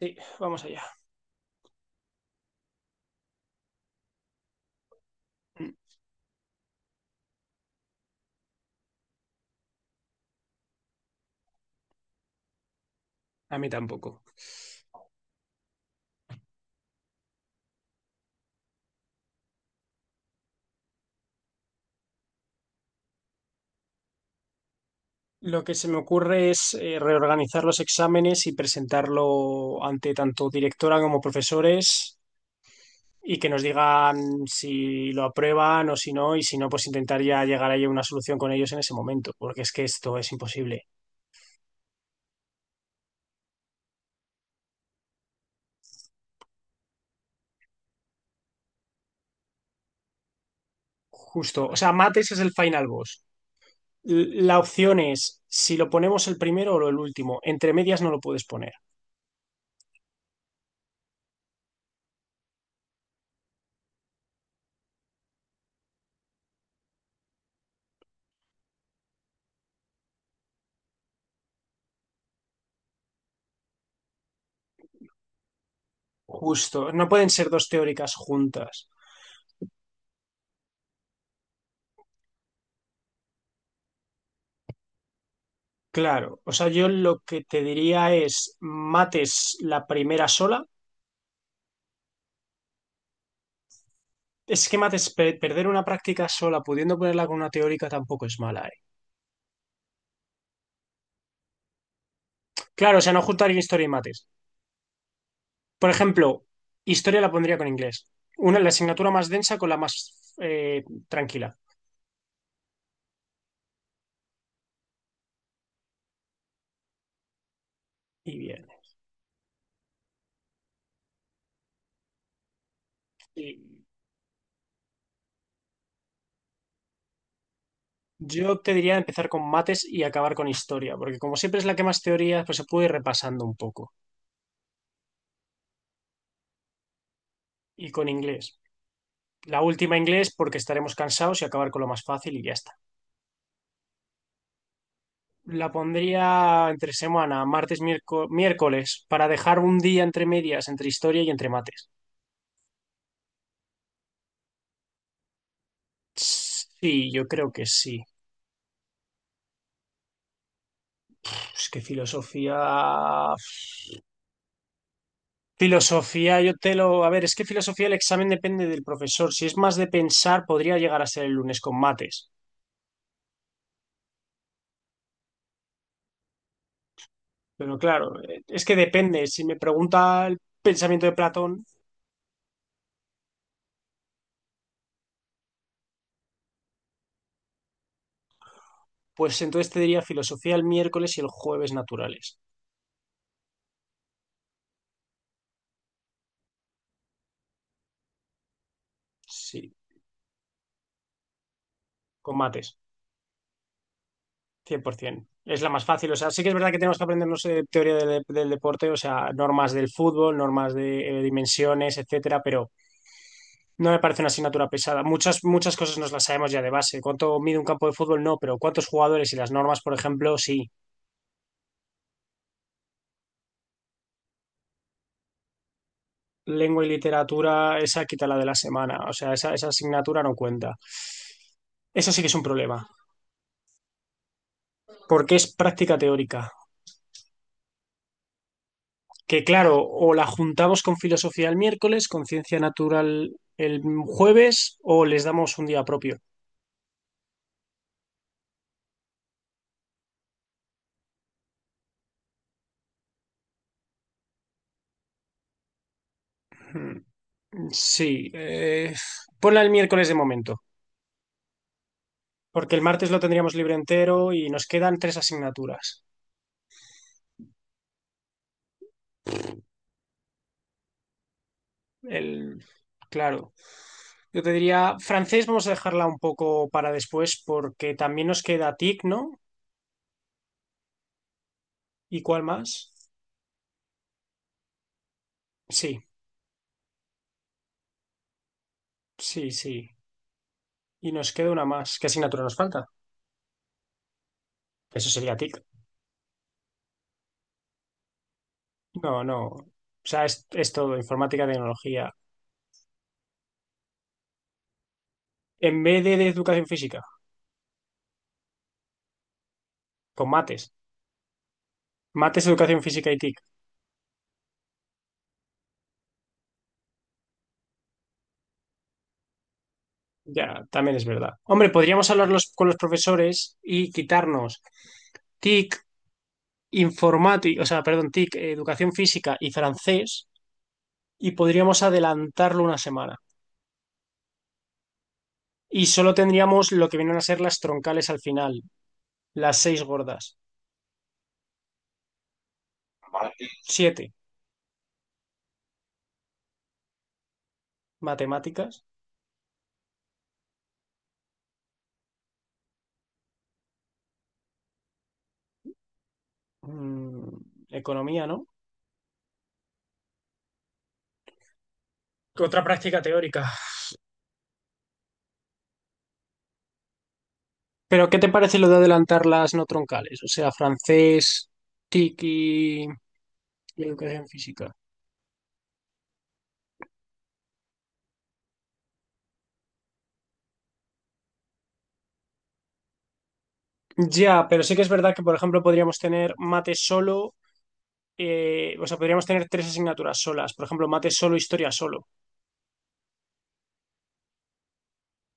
Sí, vamos allá. A mí tampoco. Lo que se me ocurre es reorganizar los exámenes y presentarlo ante tanto directora como profesores y que nos digan si lo aprueban o si no, y si no, pues intentaría llegar ahí a una solución con ellos en ese momento, porque es que esto es imposible. Justo, o sea, mates es el final boss. La opción es si lo ponemos el primero o el último. Entre medias no lo puedes poner. Justo, no pueden ser dos teóricas juntas. Claro, o sea, yo lo que te diría es mates la primera sola. Es que mates perder una práctica sola pudiendo ponerla con una teórica tampoco es mala, ¿eh? Claro, o sea, no juntar historia y mates. Por ejemplo, historia la pondría con inglés. Una, la asignatura más densa con la más tranquila. Y bien. Y yo te diría empezar con mates y acabar con historia, porque como siempre es la que más teoría, pues se puede ir repasando un poco. Y con inglés. La última inglés porque estaremos cansados y acabar con lo más fácil y ya está. La pondría entre semana, martes, miércoles, para dejar un día entre medias, entre historia y entre mates. Sí, yo creo que sí. Es que filosofía... Filosofía, yo te lo... A ver, es que filosofía el examen depende del profesor. Si es más de pensar, podría llegar a ser el lunes con mates. Pero claro, es que depende. Si me pregunta el pensamiento de Platón, pues entonces te diría filosofía el miércoles y el jueves naturales. Sí, con mates. 100%. Es la más fácil. O sea, sí que es verdad que tenemos que aprendernos teoría del deporte, o sea, normas del fútbol, normas de dimensiones, etcétera, pero no me parece una asignatura pesada. Muchas, muchas cosas nos las sabemos ya de base. ¿Cuánto mide un campo de fútbol? No, pero ¿cuántos jugadores y las normas, por ejemplo? Sí. Lengua y literatura, esa quítala de la semana. O sea, esa asignatura no cuenta. Eso sí que es un problema, porque es práctica teórica. Que claro, o la juntamos con filosofía el miércoles, con ciencia natural el jueves, o les damos un día propio. Mm, sí, ponla el miércoles de momento, porque el martes lo tendríamos libre entero y nos quedan tres asignaturas. El, claro, yo te diría, francés vamos a dejarla un poco para después porque también nos queda TIC, ¿no? ¿Y cuál más? Sí, sí, sí. Y nos queda una más. ¿Qué asignatura nos falta? Eso sería TIC. No, no. O sea, es todo, informática, tecnología. En vez de educación física, con mates. Mates, educación física y TIC. Ya, también es verdad. Hombre, podríamos hablar con los profesores y quitarnos TIC, informática, o sea, perdón, TIC, educación física y francés, y podríamos adelantarlo una semana. Y solo tendríamos lo que vienen a ser las troncales al final, las 6 gordas. 7, matemáticas, mm, economía, ¿no? Otra práctica teórica. Pero ¿qué te parece lo de adelantar las no troncales? O sea, francés, TIC y educación física. Ya, pero sí que es verdad que, por ejemplo, podríamos tener mate solo, o sea, podríamos tener tres asignaturas solas, por ejemplo, mate solo, historia solo.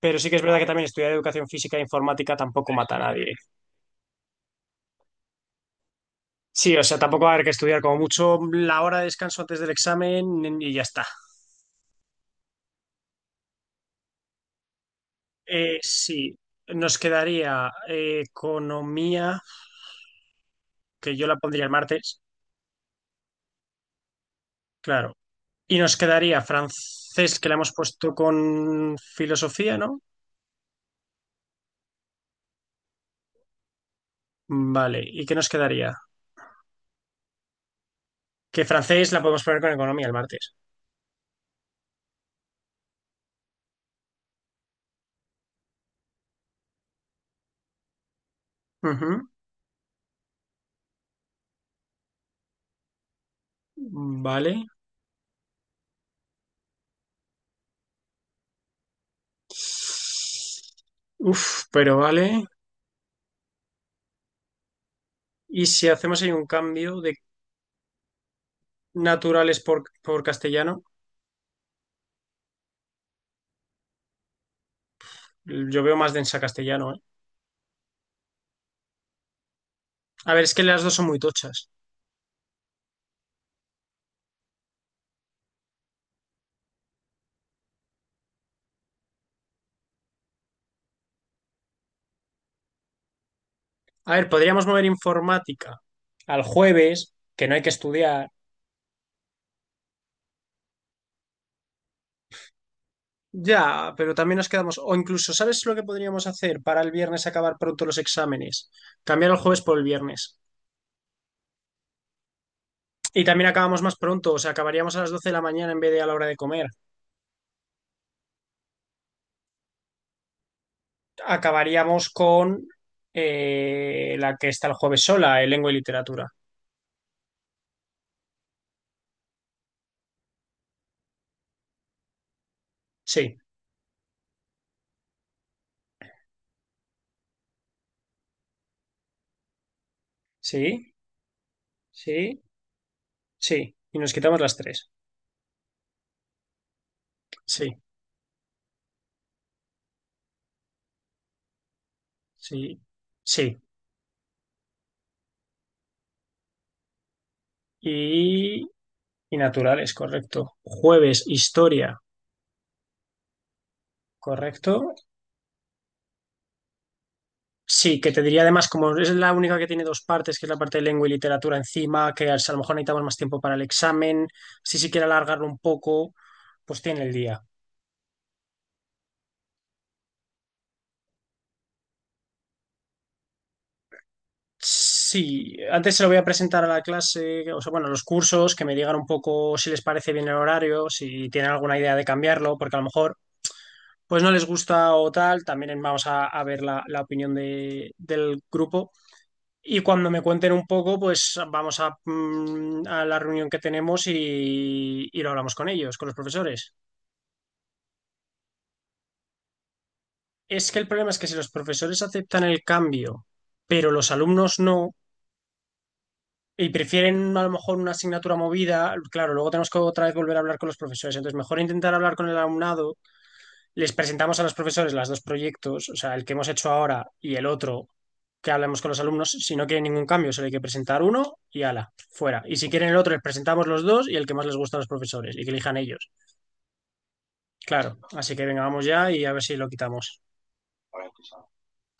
Pero sí que es verdad que también estudiar educación física e informática tampoco mata a nadie. Sí, o sea, tampoco va a haber que estudiar como mucho la hora de descanso antes del examen y ya está. Sí, nos quedaría economía, que yo la pondría el martes, claro. Y nos quedaría francés, que la hemos puesto con filosofía, ¿no? Vale, ¿y qué nos quedaría? Que francés la podemos poner con economía el martes. Ujú, vale. Uf, pero vale. Y si hacemos ahí un cambio de naturales por castellano, yo veo más densa castellano, ¿eh? A ver, es que las dos son muy tochas. A ver, podríamos mover informática al jueves, que no hay que estudiar. Ya, pero también nos quedamos. O incluso, ¿sabes lo que podríamos hacer para el viernes acabar pronto los exámenes? Cambiar el jueves por el viernes. Y también acabamos más pronto, o sea, acabaríamos a las 12 de la mañana en vez de a la hora de comer. Acabaríamos con la que está el jueves sola, lengua y literatura. Sí, sí, sí, sí. Y nos quitamos las tres. Sí, sí, sí. Y, y naturales, correcto. Jueves, historia, correcto. Sí, que te diría además, como es la única que tiene dos partes, que es la parte de lengua y literatura encima, que a lo mejor necesitamos más tiempo para el examen, si se quiere alargarlo un poco, pues tiene el día. Sí, antes se lo voy a presentar a la clase, o sea, bueno, a los cursos, que me digan un poco si les parece bien el horario, si tienen alguna idea de cambiarlo, porque a lo mejor pues no les gusta o tal, también vamos a ver la opinión del grupo. Y cuando me cuenten un poco, pues vamos a, mm, a la reunión que tenemos y lo hablamos con ellos, con los profesores. Es que el problema es que si los profesores aceptan el cambio, pero los alumnos no, y prefieren a lo mejor una asignatura movida, claro, luego tenemos que otra vez volver a hablar con los profesores, entonces mejor intentar hablar con el alumnado, les presentamos a los profesores las dos proyectos, o sea, el que hemos hecho ahora y el otro, que hablemos con los alumnos, si no quieren ningún cambio, solo hay que presentar uno y ala, fuera. Y si quieren el otro, les presentamos los dos y el que más les gusta a los profesores y que elijan ellos. Claro, así que venga, vamos ya y a ver si lo quitamos.